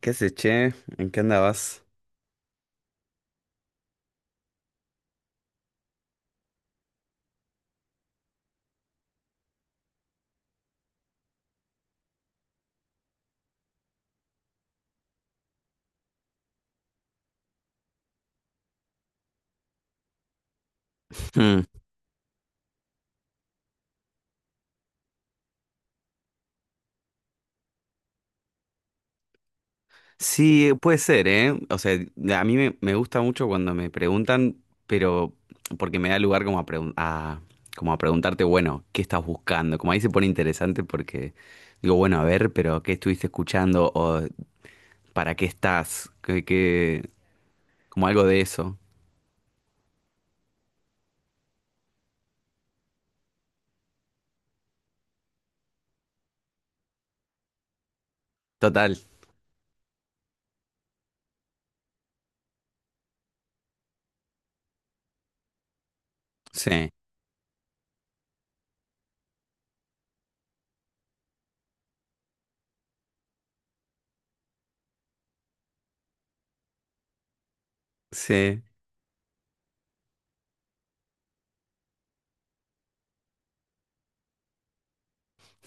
¿Qué se che? ¿En qué andabas? Hmm, Sí, puede ser, ¿eh? O sea, a mí me gusta mucho cuando me preguntan, pero porque me da lugar como como a preguntarte, bueno, ¿qué estás buscando? Como ahí se pone interesante porque digo, bueno, a ver, pero ¿qué estuviste escuchando? ¿O para qué estás? Como algo de eso. Total. Sí, sí,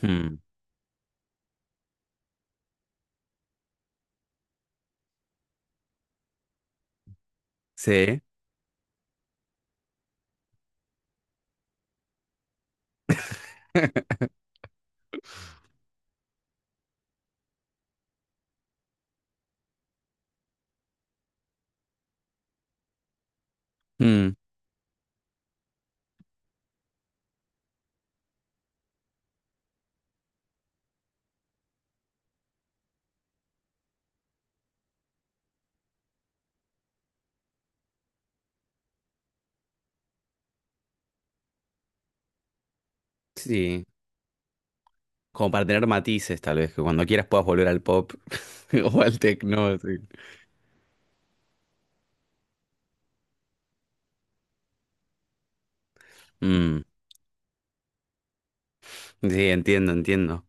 hmm, sí, hmm, sí. Como para tener matices, tal vez, que cuando quieras puedas volver al pop o al techno. Así. Mm, sí, entiendo, entiendo.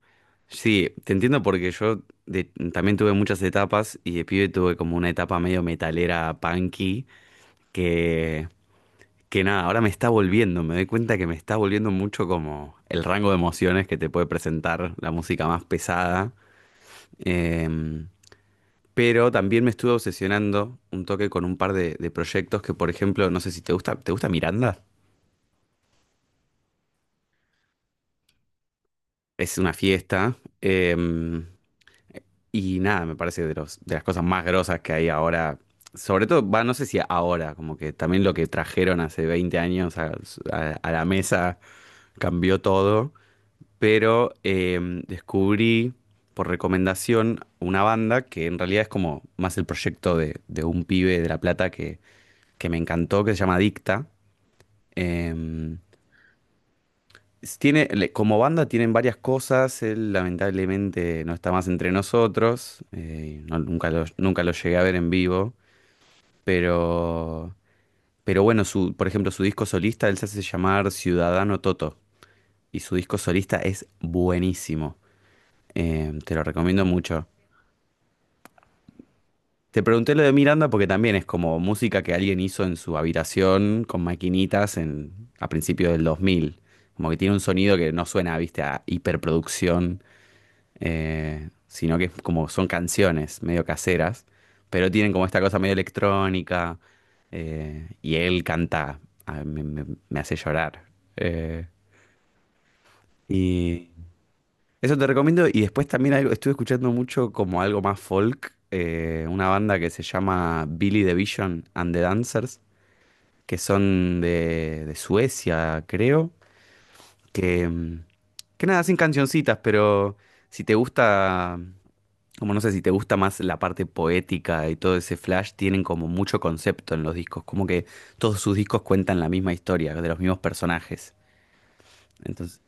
Sí, te entiendo porque también tuve muchas etapas y de pibe tuve como una etapa medio metalera punky que, que nada, ahora me está volviendo, me doy cuenta que me está volviendo mucho como el rango de emociones que te puede presentar la música más pesada. Em, pero también me estuve obsesionando un toque con un par de proyectos que, por ejemplo, no sé si te gusta, ¿te gusta Miranda? Es una fiesta. Y nada, me parece de de las cosas más grosas que hay ahora. Sobre todo, va, no sé si ahora, como que también lo que trajeron hace 20 años a la mesa cambió todo. Pero descubrí por recomendación una banda que en realidad es como más el proyecto de un pibe de La Plata que me encantó, que se llama Dicta. Em, Tiene, como banda tienen varias cosas, él lamentablemente no está más entre nosotros, nunca nunca lo llegué a ver en vivo, pero, pero bueno, su, por ejemplo, su disco solista, él se hace llamar Ciudadano Toto, y su disco solista es buenísimo, te lo recomiendo mucho. Te pregunté lo de Miranda porque también es como música que alguien hizo en su habitación con maquinitas a principios del 2000. Como que tiene un sonido que no suena, viste, a hiperproducción, sino que es como son canciones medio caseras, pero tienen como esta cosa medio electrónica, y él canta, ah, me hace llorar. Eh, y eso te recomiendo y después también algo, estuve escuchando mucho como algo más folk, una banda que se llama Billy the Vision and the Dancers, que son de Suecia, creo, que, que nada, hacen cancioncitas, pero si te gusta... Como no sé si te gusta más la parte poética y todo ese flash, tienen como mucho concepto en los discos, como que todos sus discos cuentan la misma historia, de los mismos personajes. Entonces,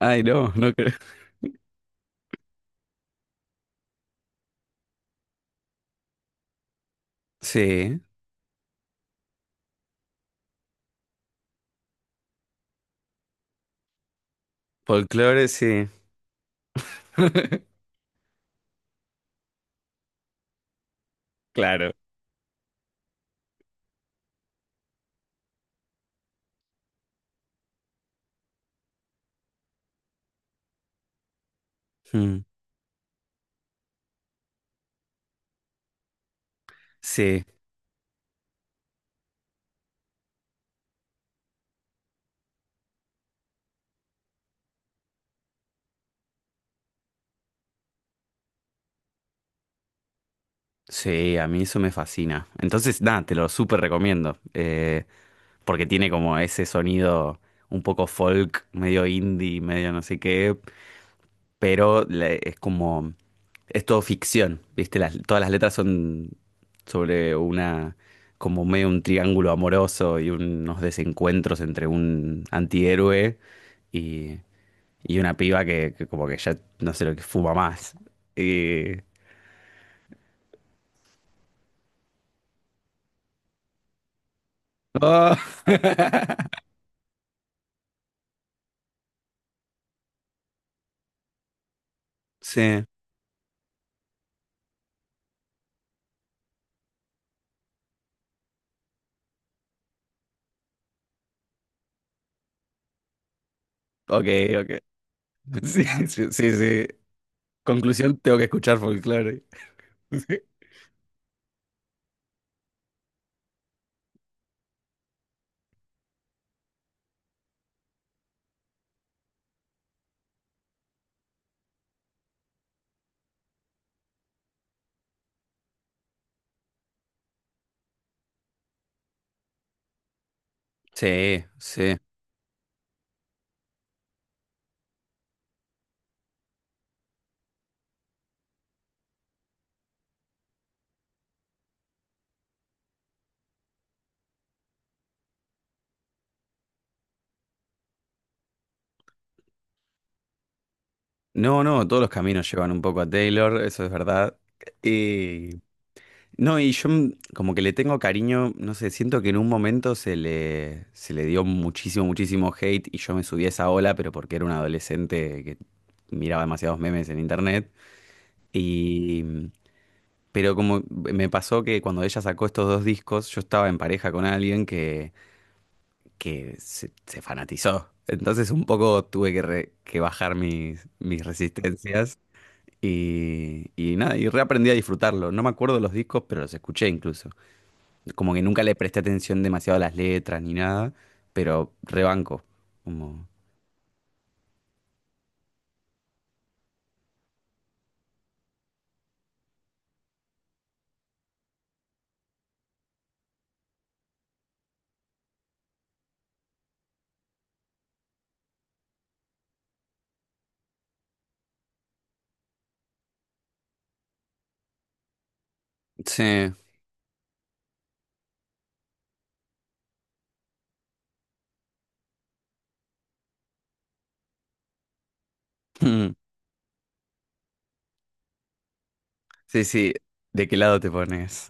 ay, no, no creo. Sí, folclore, sí. Claro. Mm, sí, sí, a mí eso me fascina. Entonces, nada, te lo súper recomiendo, porque tiene como ese sonido un poco folk, medio indie, medio no sé qué, pero es como es todo ficción, ¿viste? Todas las letras son sobre como medio un triángulo amoroso y unos desencuentros entre un antihéroe y, y una piba que como que ya no sé lo que fuma más. Y... ¡Oh! Sí, ok, ok. Sí, sí, sí, sí. Conclusión, tengo que escuchar folclore. Sí, sí. Sí. No, no, todos los caminos llevan un poco a Taylor, eso es verdad. Y no, y yo como que le tengo cariño, no sé, siento que en un momento se le dio muchísimo, muchísimo hate y yo me subí a esa ola, pero porque era un adolescente que miraba demasiados memes en internet. Y, pero como me pasó que cuando ella sacó estos dos discos, yo estaba en pareja con alguien que se fanatizó. Entonces un poco tuve que bajar mis, mis resistencias y nada, y reaprendí a disfrutarlo. No me acuerdo los discos, pero los escuché incluso. Como que nunca le presté atención demasiado a las letras ni nada, pero rebanco. Como... Sí. Mm. Sí, sí. ¿De qué lado te pones?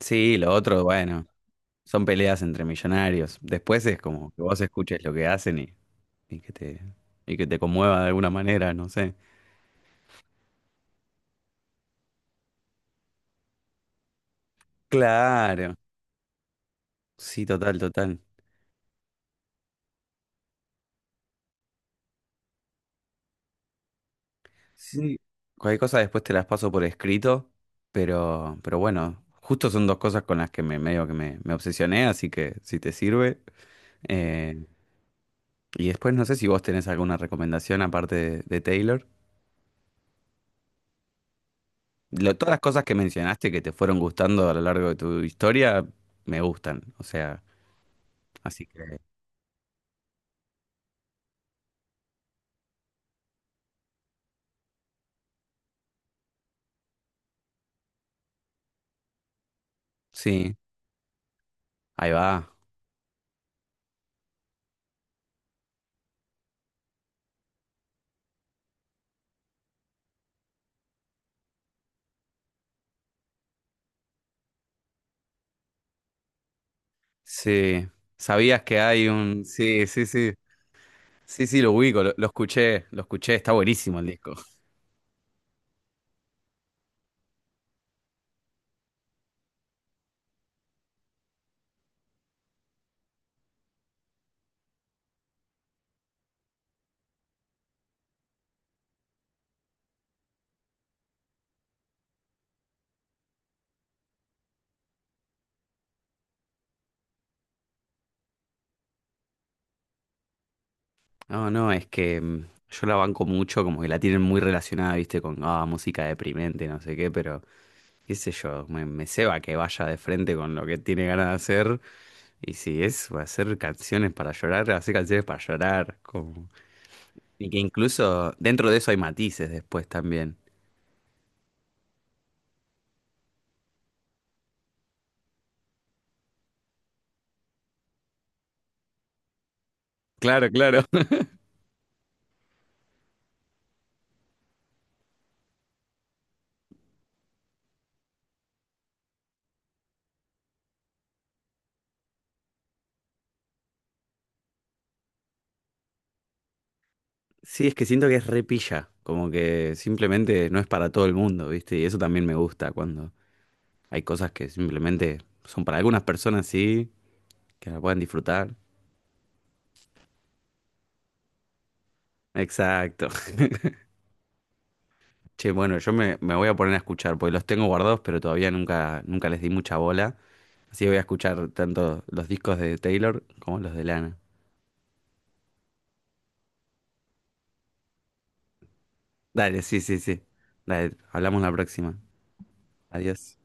Sí, lo otro, bueno, son peleas entre millonarios. Después es como que vos escuches lo que hacen y, y que te, y que te conmueva de alguna manera, no sé. Claro. Sí, total, total. Sí. Cualquier cosa después te las paso por escrito, pero bueno, justo son dos cosas con las que me medio que me obsesioné, así que si te sirve. Eh, y después no sé si vos tenés alguna recomendación aparte de Taylor. Lo- todas las cosas que mencionaste que te fueron gustando a lo largo de tu historia me gustan. O sea, así que sí, ahí va. Sí. ¿Sabías que hay un... Sí, sí, sí. Sí, sí, lo ubico, lo escuché, está buenísimo el disco. No, no, es que yo la banco mucho, como que la tienen muy relacionada, viste, con ah, música deprimente, no sé qué, pero qué sé yo, me ceba que vaya de frente con lo que tiene ganas de hacer. Y si es para hacer canciones para llorar, hacer canciones para llorar. Como... Y que incluso dentro de eso hay matices después también. Claro, claro. Sí, es que siento que es repilla, como que simplemente no es para todo el mundo, ¿viste? Y eso también me gusta cuando hay cosas que simplemente son para algunas personas, sí, que la puedan disfrutar. Exacto. Che, bueno, me voy a poner a escuchar, porque los tengo guardados, pero todavía nunca, nunca les di mucha bola. Así que voy a escuchar tanto los discos de Taylor como los de Lana. Dale, sí, sí, sí. Dale, hablamos la próxima. Adiós.